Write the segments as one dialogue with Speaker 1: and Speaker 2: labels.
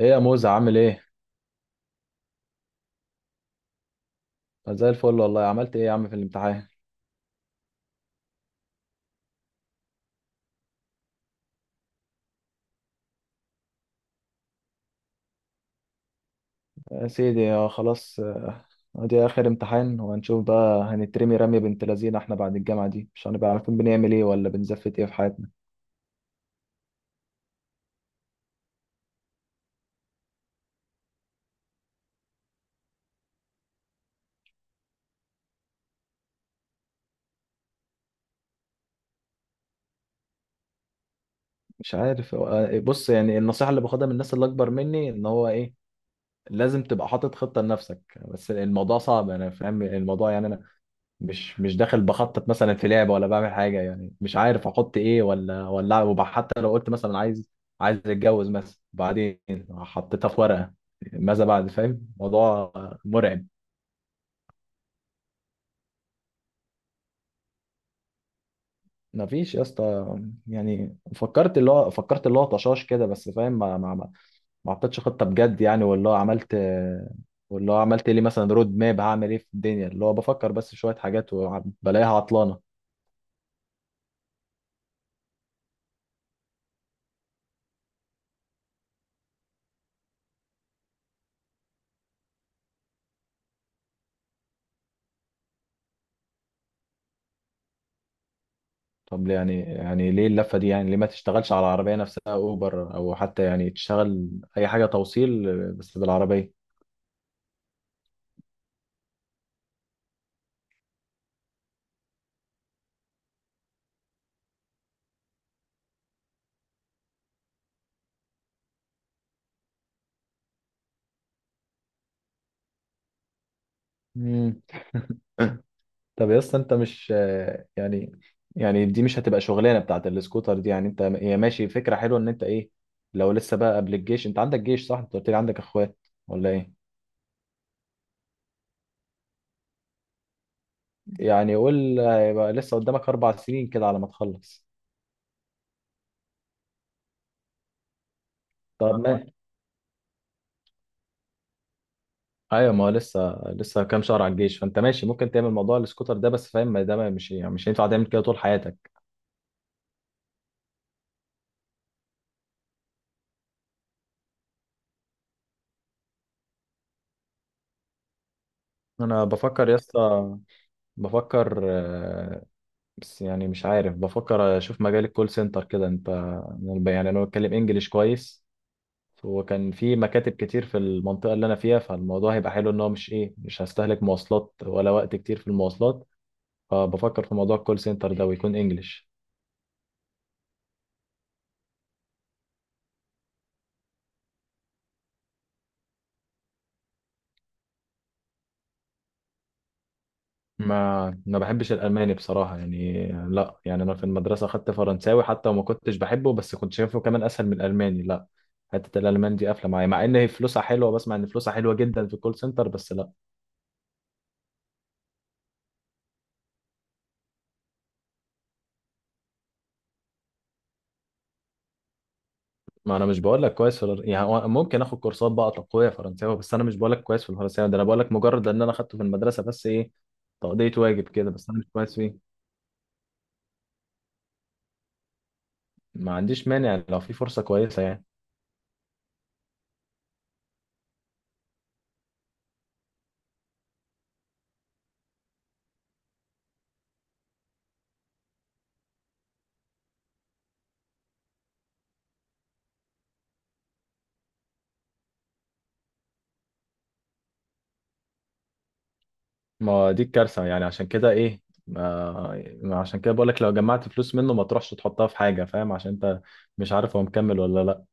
Speaker 1: ايه يا موزة عامل ايه؟ زي الفل والله، عملت ايه يا عم في الامتحان؟ يا سيدي آه، خلاص آه، ادي اخر امتحان وهنشوف بقى. هنترمي رمية بنت لذينه، احنا بعد الجامعة دي مش هنبقى عارفين بنعمل ايه ولا بنزفت ايه في حياتنا. مش عارف آه، بص يعني النصيحة اللي باخدها من الناس اللي اكبر مني ان هو ايه، لازم تبقى حاطط خطة لنفسك. بس الموضوع صعب، انا فاهم الموضوع يعني انا مش داخل بخطط مثلا في لعبه ولا بعمل حاجه، يعني مش عارف احط ايه حتى لو قلت مثلا عايز عايز اتجوز مثلا بعدين، حطيتها في ورقه. ماذا بعد؟ فاهم موضوع مرعب. ما فيش يا اسطى، يعني فكرت اللي هو طشاش كده بس، فاهم؟ ما حطيتش خطه بجد، يعني واللي هو عملت لي مثلا رود ماب هعمل ايه في الدنيا، اللي هو بفكر بس شويه حاجات وبلاقيها عطلانه. طب يعني ليه اللفة دي؟ يعني ليه ما تشتغلش على العربية نفسها اوبر، او حتى يعني تشتغل اي حاجة توصيل بس بالعربية؟ مم. طب يا اسطى انت مش يعني، يعني دي مش هتبقى شغلانة بتاعت السكوتر دي يعني، انت هي ماشي فكرة حلوة ان انت ايه، لو لسه بقى قبل الجيش. انت عندك جيش صح؟ انت قلت لي عندك اخوات ولا ايه؟ يعني قول هيبقى لسه قدامك اربع سنين كده على ما تخلص. طب ما ايوه، ما هو لسه، لسه كام شهر على الجيش، فانت ماشي ممكن تعمل موضوع السكوتر ده، بس فاهم ما ده مش يعني مش هينفع تعمل كده طول حياتك. انا بفكر يا اسطى، بفكر آه، بس يعني مش عارف، بفكر اشوف مجال الكول سنتر كده. انت يعني انا بتكلم انجليش كويس، وكان في مكاتب كتير في المنطقه اللي انا فيها، فالموضوع هيبقى حلو ان هو مش ايه، مش هستهلك مواصلات ولا وقت كتير في المواصلات. فبفكر في موضوع الكول سنتر ده، ويكون انجليش. ما بحبش الالماني بصراحه يعني، لا يعني انا في المدرسه خدت فرنساوي حتى، وما كنتش بحبه بس كنت شايفه كمان اسهل من الالماني. لا، حته الالمان دي قافله معايا، مع ان هي فلوسها حلوه، بسمع ان فلوسها حلوه جدا في الكول سنتر، بس لا. ما انا مش بقول لك كويس في يعني هو ممكن اخد كورسات بقى تقويه فرنساوي، بس انا مش بقول لك كويس في الفرنساوي ده، انا بقول لك مجرد ان انا اخدته في المدرسه بس، ايه تقضيه واجب كده، بس انا مش كويس فيه. ما عنديش مانع لو في فرصه كويسه يعني. ما دي الكارثة يعني، عشان كده ايه، ما عشان كده بقولك لو جمعت فلوس منه ما تروحش تحطها في حاجة، فاهم؟ عشان انت مش عارف هو مكمل ولا لا.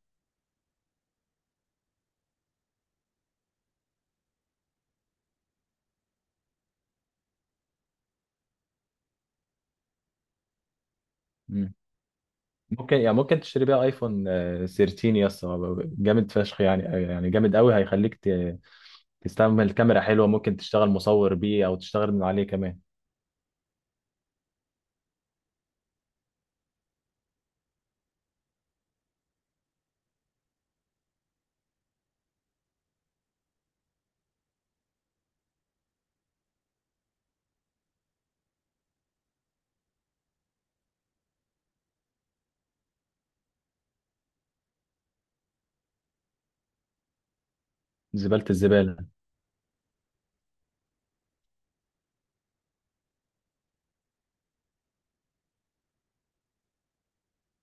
Speaker 1: مم. ممكن يعني ممكن تشتري بيها ايفون آه، 13 يا اسطى، جامد فشخ يعني، يعني جامد قوي، هيخليك تستعمل كاميرا حلوة، ممكن تشتغل مصور بيه او تشتغل من عليه كمان. زبالة الزبالة.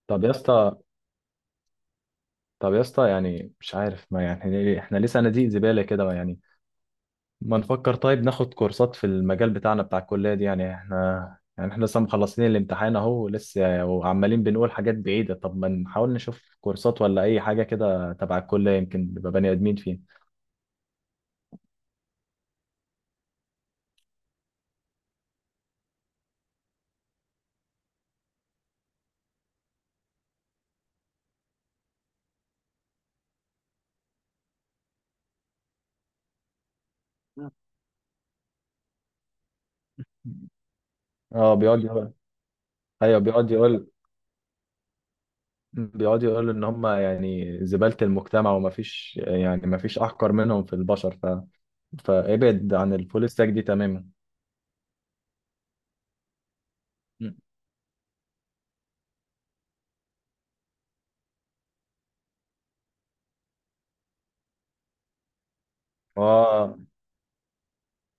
Speaker 1: طب يا اسطى، طب يا اسطى، يعني مش عارف ما يعني احنا ليه، إحنا ليه صناديق زبالة كده يعني؟ ما نفكر طيب، ناخد كورسات في المجال بتاعنا بتاع الكلية دي، يعني احنا، يعني احنا لسه مخلصين الامتحان اهو لسه، وعمالين بنقول حاجات بعيدة. طب ما نحاول نشوف كورسات ولا اي حاجة كده تبع الكلية، يمكن نبقى بني ادمين فين. اه بيقعد يقول، ايوه بيقعد يقول، بيقعد يقول ان هم يعني زبالة المجتمع، وما فيش يعني ما فيش احقر منهم في البشر، ف... فابعد عن الفول ستاك دي تماما. اه،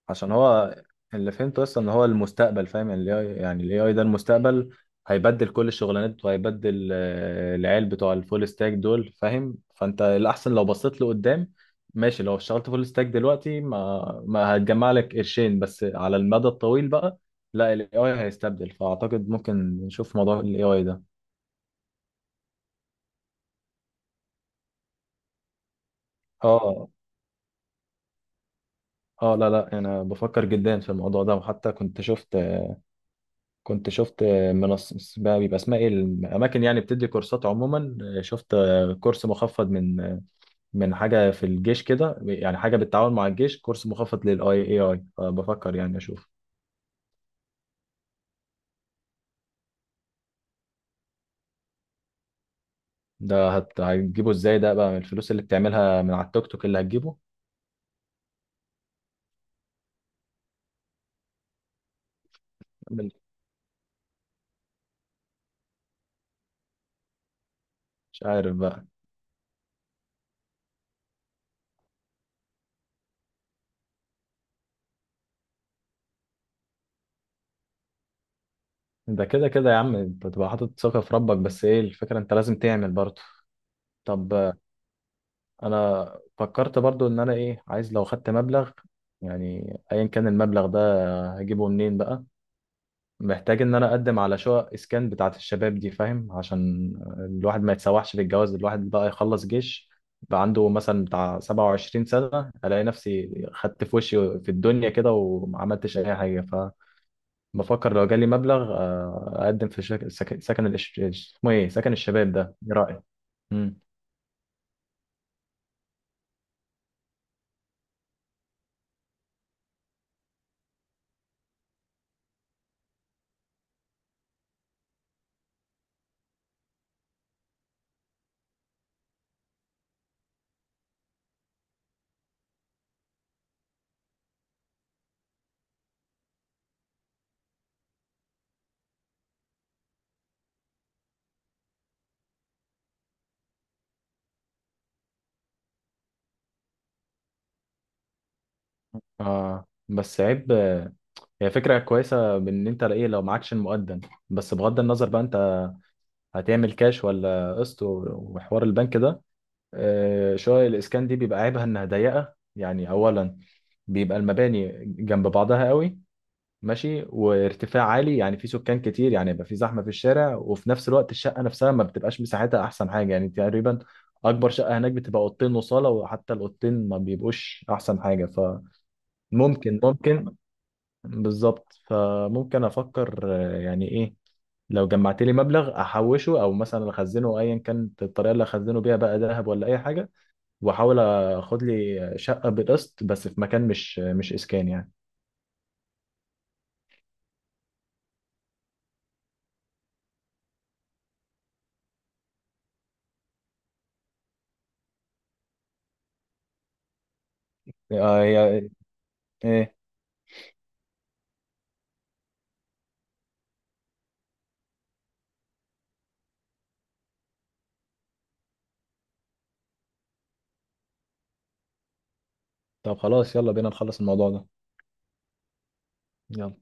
Speaker 1: عشان هو اللي فهمته اصلا ان هو المستقبل، فاهم يعني الاي اي، يعني الاي اي ده المستقبل، هيبدل كل الشغلانات وهيبدل آه، العيال بتوع الفول ستاك دول، فاهم؟ فانت الاحسن لو بصيت لقدام، ماشي لو اشتغلت فول ستاك دلوقتي ما هتجمع لك قرشين، بس على المدى الطويل بقى لا، الاي اي هيستبدل، فاعتقد ممكن نشوف موضوع الاي اي ده. اه، اه لا لا، انا بفكر جدا في الموضوع ده، وحتى كنت شفت منصة بقى بيبقى اسمها ايه، الاماكن يعني بتدي كورسات عموما، شفت كورس مخفض من من حاجه في الجيش كده، يعني حاجه بالتعاون مع الجيش، كورس مخفض للاي اي اي، فبفكر يعني اشوف. ده هت... هتجيبه ازاي ده بقى؟ من الفلوس اللي بتعملها من على التوك توك اللي هتجيبه؟ من- مش عارف بقى. ده كده كده يا عم انت تبقى حاطط ثقه في ربك، بس ايه الفكره، انت لازم تعمل برضه. طب آه، انا فكرت برضه ان انا ايه، عايز لو خدت مبلغ، يعني ايا كان المبلغ ده، هجيبه منين بقى، محتاج ان انا اقدم على شقق اسكان بتاعت الشباب دي، فاهم؟ عشان الواحد ما يتسوحش في الجواز، الواحد بقى يخلص جيش، بقى عنده مثلا بتاع 27 سنة، الاقي نفسي خدت في وشي في الدنيا كده وما عملتش اي حاجة. فبفكر لو جالي مبلغ آه، اقدم في شك... سك... سكن الإش... اسمه ايه، سكن الشباب ده، ايه رأيك؟ امم، اه بس عيب آه، هي فكرة كويسة بان انت ايه، لو معكش المقدم، بس بغض النظر بقى انت هتعمل كاش ولا قسط وحوار البنك ده. آه، شقق الإسكان دي بيبقى عيبها إنها ضيقة يعني، أولا بيبقى المباني جنب بعضها قوي، ماشي، وارتفاع عالي يعني في سكان كتير، يعني يبقى في زحمة في الشارع، وفي نفس الوقت الشقة نفسها ما بتبقاش مساحتها أحسن حاجة يعني، تقريبا أكبر شقة هناك بتبقى أوضتين وصالة، وحتى الأوضتين ما بيبقوش أحسن حاجة، فممكن بالظبط. فممكن أفكر آه، يعني إيه، لو جمعت لي مبلغ أحوشه أو مثلا أخزنه، أيا كانت الطريقة اللي أخزنه بيها بقى، ذهب ولا أي حاجة، واحاول اخد لي شقه بقسط، بس في مكان مش، مش اسكان يعني. آه، هي ايه. طب خلاص يلا بينا نخلص الموضوع ده. يلا.